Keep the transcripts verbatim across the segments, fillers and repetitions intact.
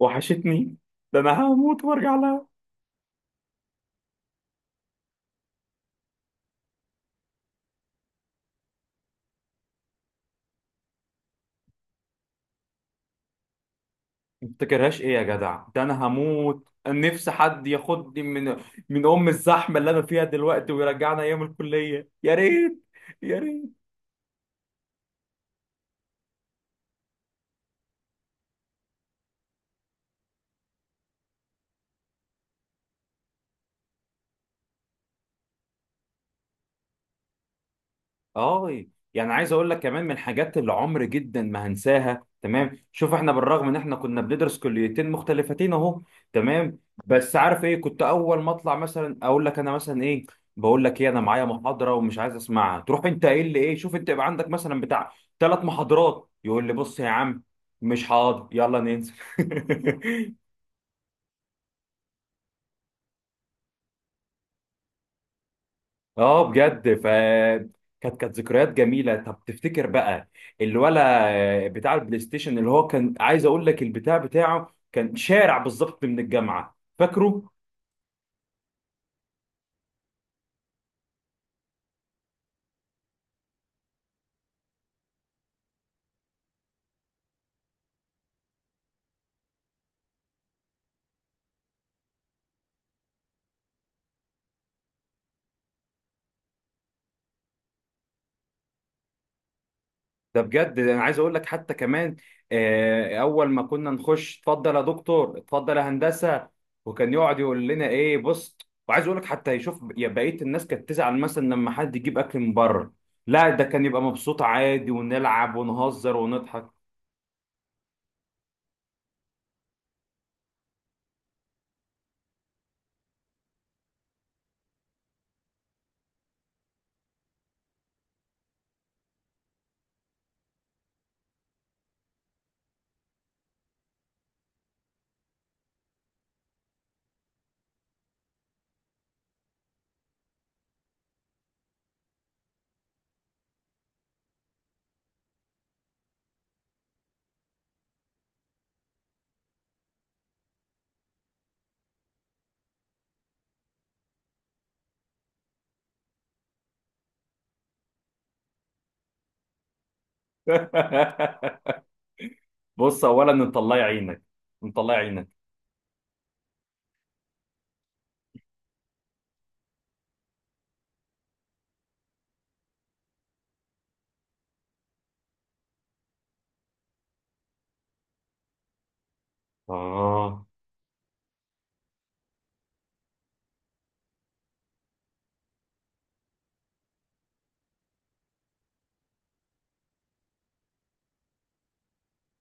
وحشتني. ده انا هموت وارجع لها. ما بتفتكرهاش ايه يا جدع؟ ده انا هموت نفسي حد ياخدني من من ام الزحمه اللي انا فيها دلوقتي ويرجعنا ايام الكليه، يا ريت يا ريت. اه، يعني عايز اقول لك كمان من الحاجات اللي عمر جدا ما هنساها. تمام، شوف، احنا بالرغم ان احنا كنا بندرس كليتين مختلفتين اهو. تمام. بس عارف ايه؟ كنت اول ما اطلع مثلا اقول لك انا مثلا ايه، بقول لك ايه، انا معايا محاضره ومش عايز اسمعها، تروح انت ايه اللي ايه، شوف انت يبقى عندك مثلا بتاع ثلاث محاضرات يقول لي بص يا عم، مش حاضر، يلا ننزل. اه بجد ف كانت كانت ذكريات جميله. طب تفتكر بقى الولا بتاع البلاي ستيشن، اللي هو كان، عايز اقول لك البتاع بتاعه كان شارع بالظبط من الجامعه، فاكره؟ ده بجد انا عايز اقول لك حتى كمان، آه، اول ما كنا نخش، اتفضل يا دكتور، اتفضل يا هندسه، وكان يقعد يقول لنا ايه، بص، وعايز اقول لك حتى يشوف، يا بقيه الناس كانت تزعل مثلا لما حد يجيب اكل من بره، لا، ده كان يبقى مبسوط عادي، ونلعب ونهزر ونضحك. بص، اولا انت الله يعينك، انت الله يعينك. اه،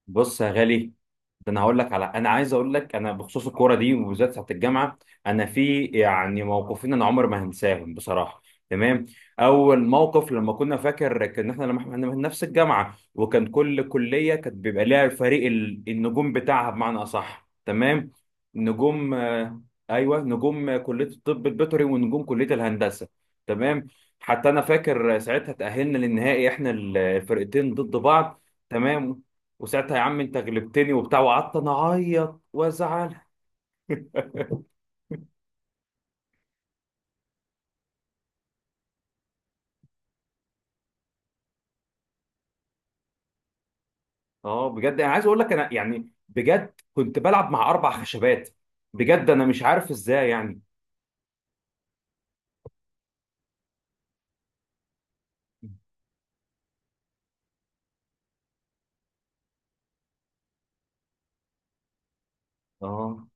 بص يا غالي، ده انا هقول لك على، انا عايز اقول لك انا بخصوص الكوره دي وبالذات بتاعت الجامعه. انا في يعني موقفين انا عمري ما هنساهم بصراحه. تمام. اول موقف لما كنا، فاكر كان احنا لما احنا من نفس الجامعه، وكان كل كليه كانت بيبقى ليها فريق ال- النجوم بتاعها، بمعنى اصح. تمام. نجوم، آه، ايوه نجوم كليه الطب البيطري ونجوم كليه الهندسه. تمام. حتى انا فاكر ساعتها تاهلنا للنهائي احنا الفرقتين ضد بعض. تمام. وساعتها يا عم انت غلبتني وبتاع، وقعدت انا اعيط وازعل. اه، بجد انا عايز اقول لك، انا يعني بجد كنت بلعب مع اربع خشبات، بجد انا مش عارف ازاي يعني. اه،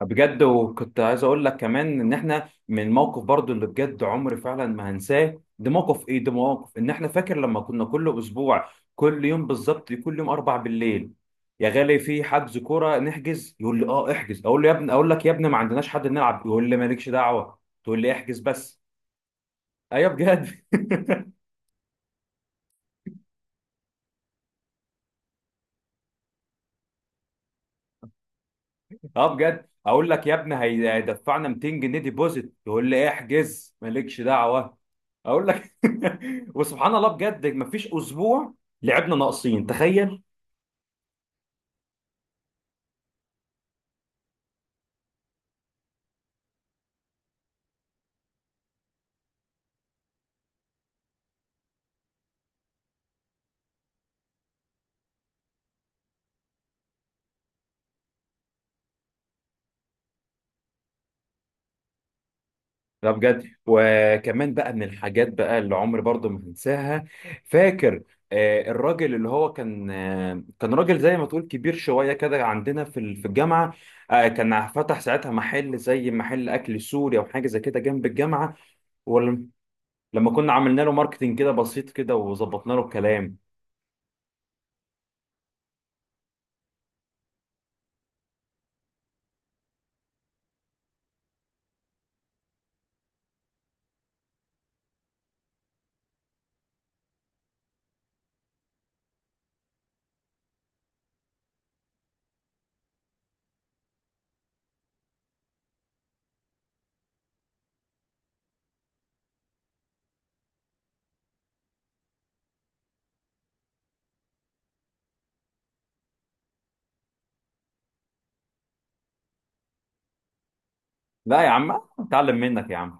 بجد، وكنت عايز اقول لك كمان ان احنا من الموقف برضو اللي بجد عمري فعلا ما هنساه، ده موقف ايه، ده موقف ان احنا، فاكر لما كنا كل اسبوع، كل يوم بالظبط، كل يوم اربع بالليل يا غالي في حجز كوره نحجز، يقول لي اه احجز، اقول له يا ابني، اقول لك يا ابني ما عندناش حد نلعب، يقول لي مالكش دعوه، تقول لي احجز بس. ايوه بجد. اه بجد اقول لك يا ابني هي- هيدفعنا مئتين جنيه ديبوزيت، يقول لي احجز مالكش دعوه. اقول لك وسبحان الله بجد مفيش اسبوع لعبنا ناقصين، تخيل. لا بجد، وكمان بقى من الحاجات بقى اللي عمري برضو ما هنساها، فاكر آه، الراجل اللي هو كان، آه، كان راجل زي ما تقول كبير شويه كده عندنا في ال- في الجامعه، آه، كان فتح ساعتها محل زي محل اكل سوري او حاجه زي كده جنب الجامعه، لما كنا عملنا له ماركتينج كده بسيط كده وظبطنا له الكلام. لا يا عم، آه، اتعلم منك يا عم.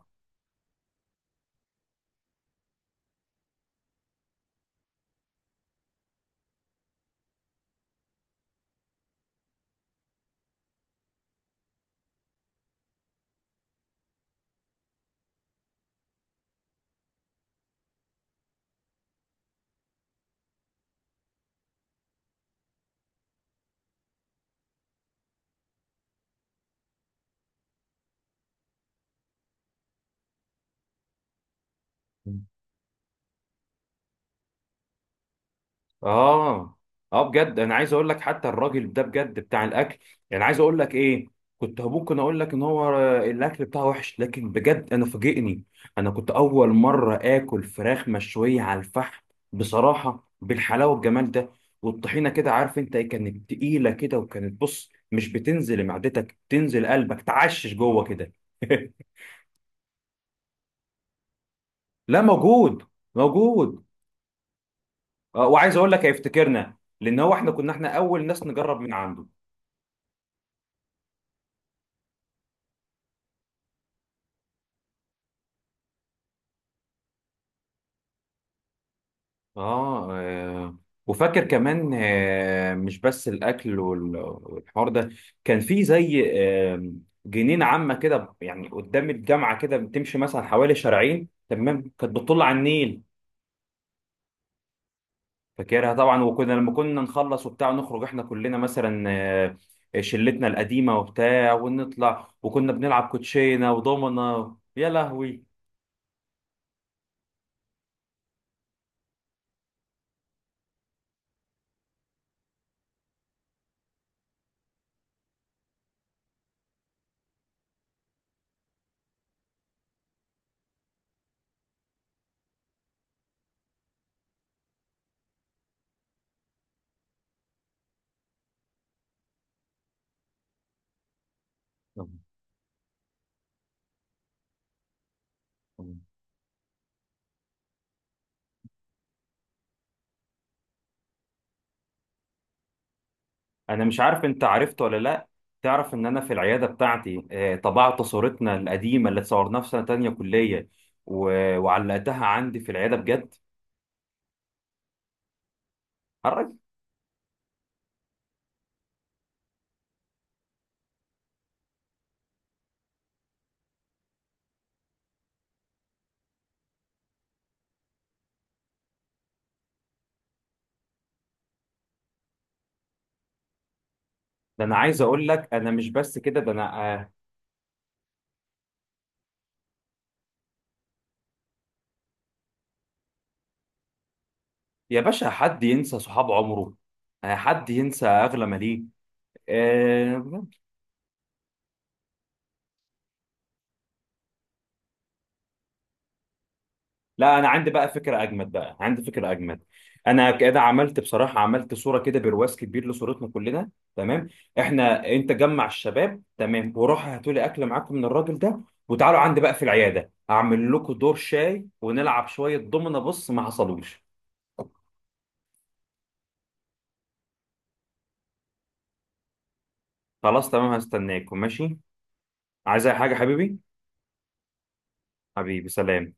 اه اه. بجد انا عايز اقول لك حتى الراجل ده بجد بتاع الاكل، يعني عايز اقول لك ايه، كنت ممكن اقول لك ان هو آه، الاكل بتاعه وحش، لكن بجد انا فاجئني. انا كنت اول مره اكل فراخ مشويه على الفحم بصراحه، بالحلاوه والجمال ده، والطحينه كده، عارف انت ايه، كانت تقيله كده، وكانت بص مش بتنزل معدتك، تنزل قلبك تعشش جوه كده. لا موجود، موجود. آه، وعايز اقول لك هيفتكرنا لان هو احنا كنا احنا اول ناس نجرب من عنده. اه, آه. وفاكر كمان آه، مش بس الاكل وال- والحوار ده، كان في زي آه جنينه عامه كده يعني قدام الجامعه كده، بتمشي مثلا حوالي شارعين، تمام، كانت بتطل على النيل. فاكرها طبعا، وكنا لما كنا نخلص وبتاع نخرج احنا كلنا مثلا، آه شلتنا القديمه وبتاع، ونطلع وكنا بنلعب كوتشينه ودومنا، يا لهوي. تمام. تمام. انا مش عارف انت عرفت ولا لا، تعرف ان انا في العياده بتاعتي آه، طبعت صورتنا القديمه اللي اتصورناها في سنه تانية كليه، و- وعلقتها عندي في العياده بجد. حرك. ده انا عايز اقول لك انا مش بس كده، ده انا آه، يا باشا حد ينسى صحاب عمره؟ آه، حد ينسى اغلى ما ليه؟ لا، انا عندي بقى فكره اجمد، بقى عندي فكره اجمد. انا كده عملت بصراحه، عملت صوره كده برواز كبير لصورتنا كلنا. تمام، احنا انت جمع الشباب، تمام، وروح هاتوا لي اكل معاكم من الراجل ده، وتعالوا عندي بقى في العياده اعمل لكم دور شاي ونلعب شويه دومنا، بص ما حصلوش. خلاص تمام، هستناكم، ماشي. عايز اي حاجه حبيبي؟ حبيبي سلام.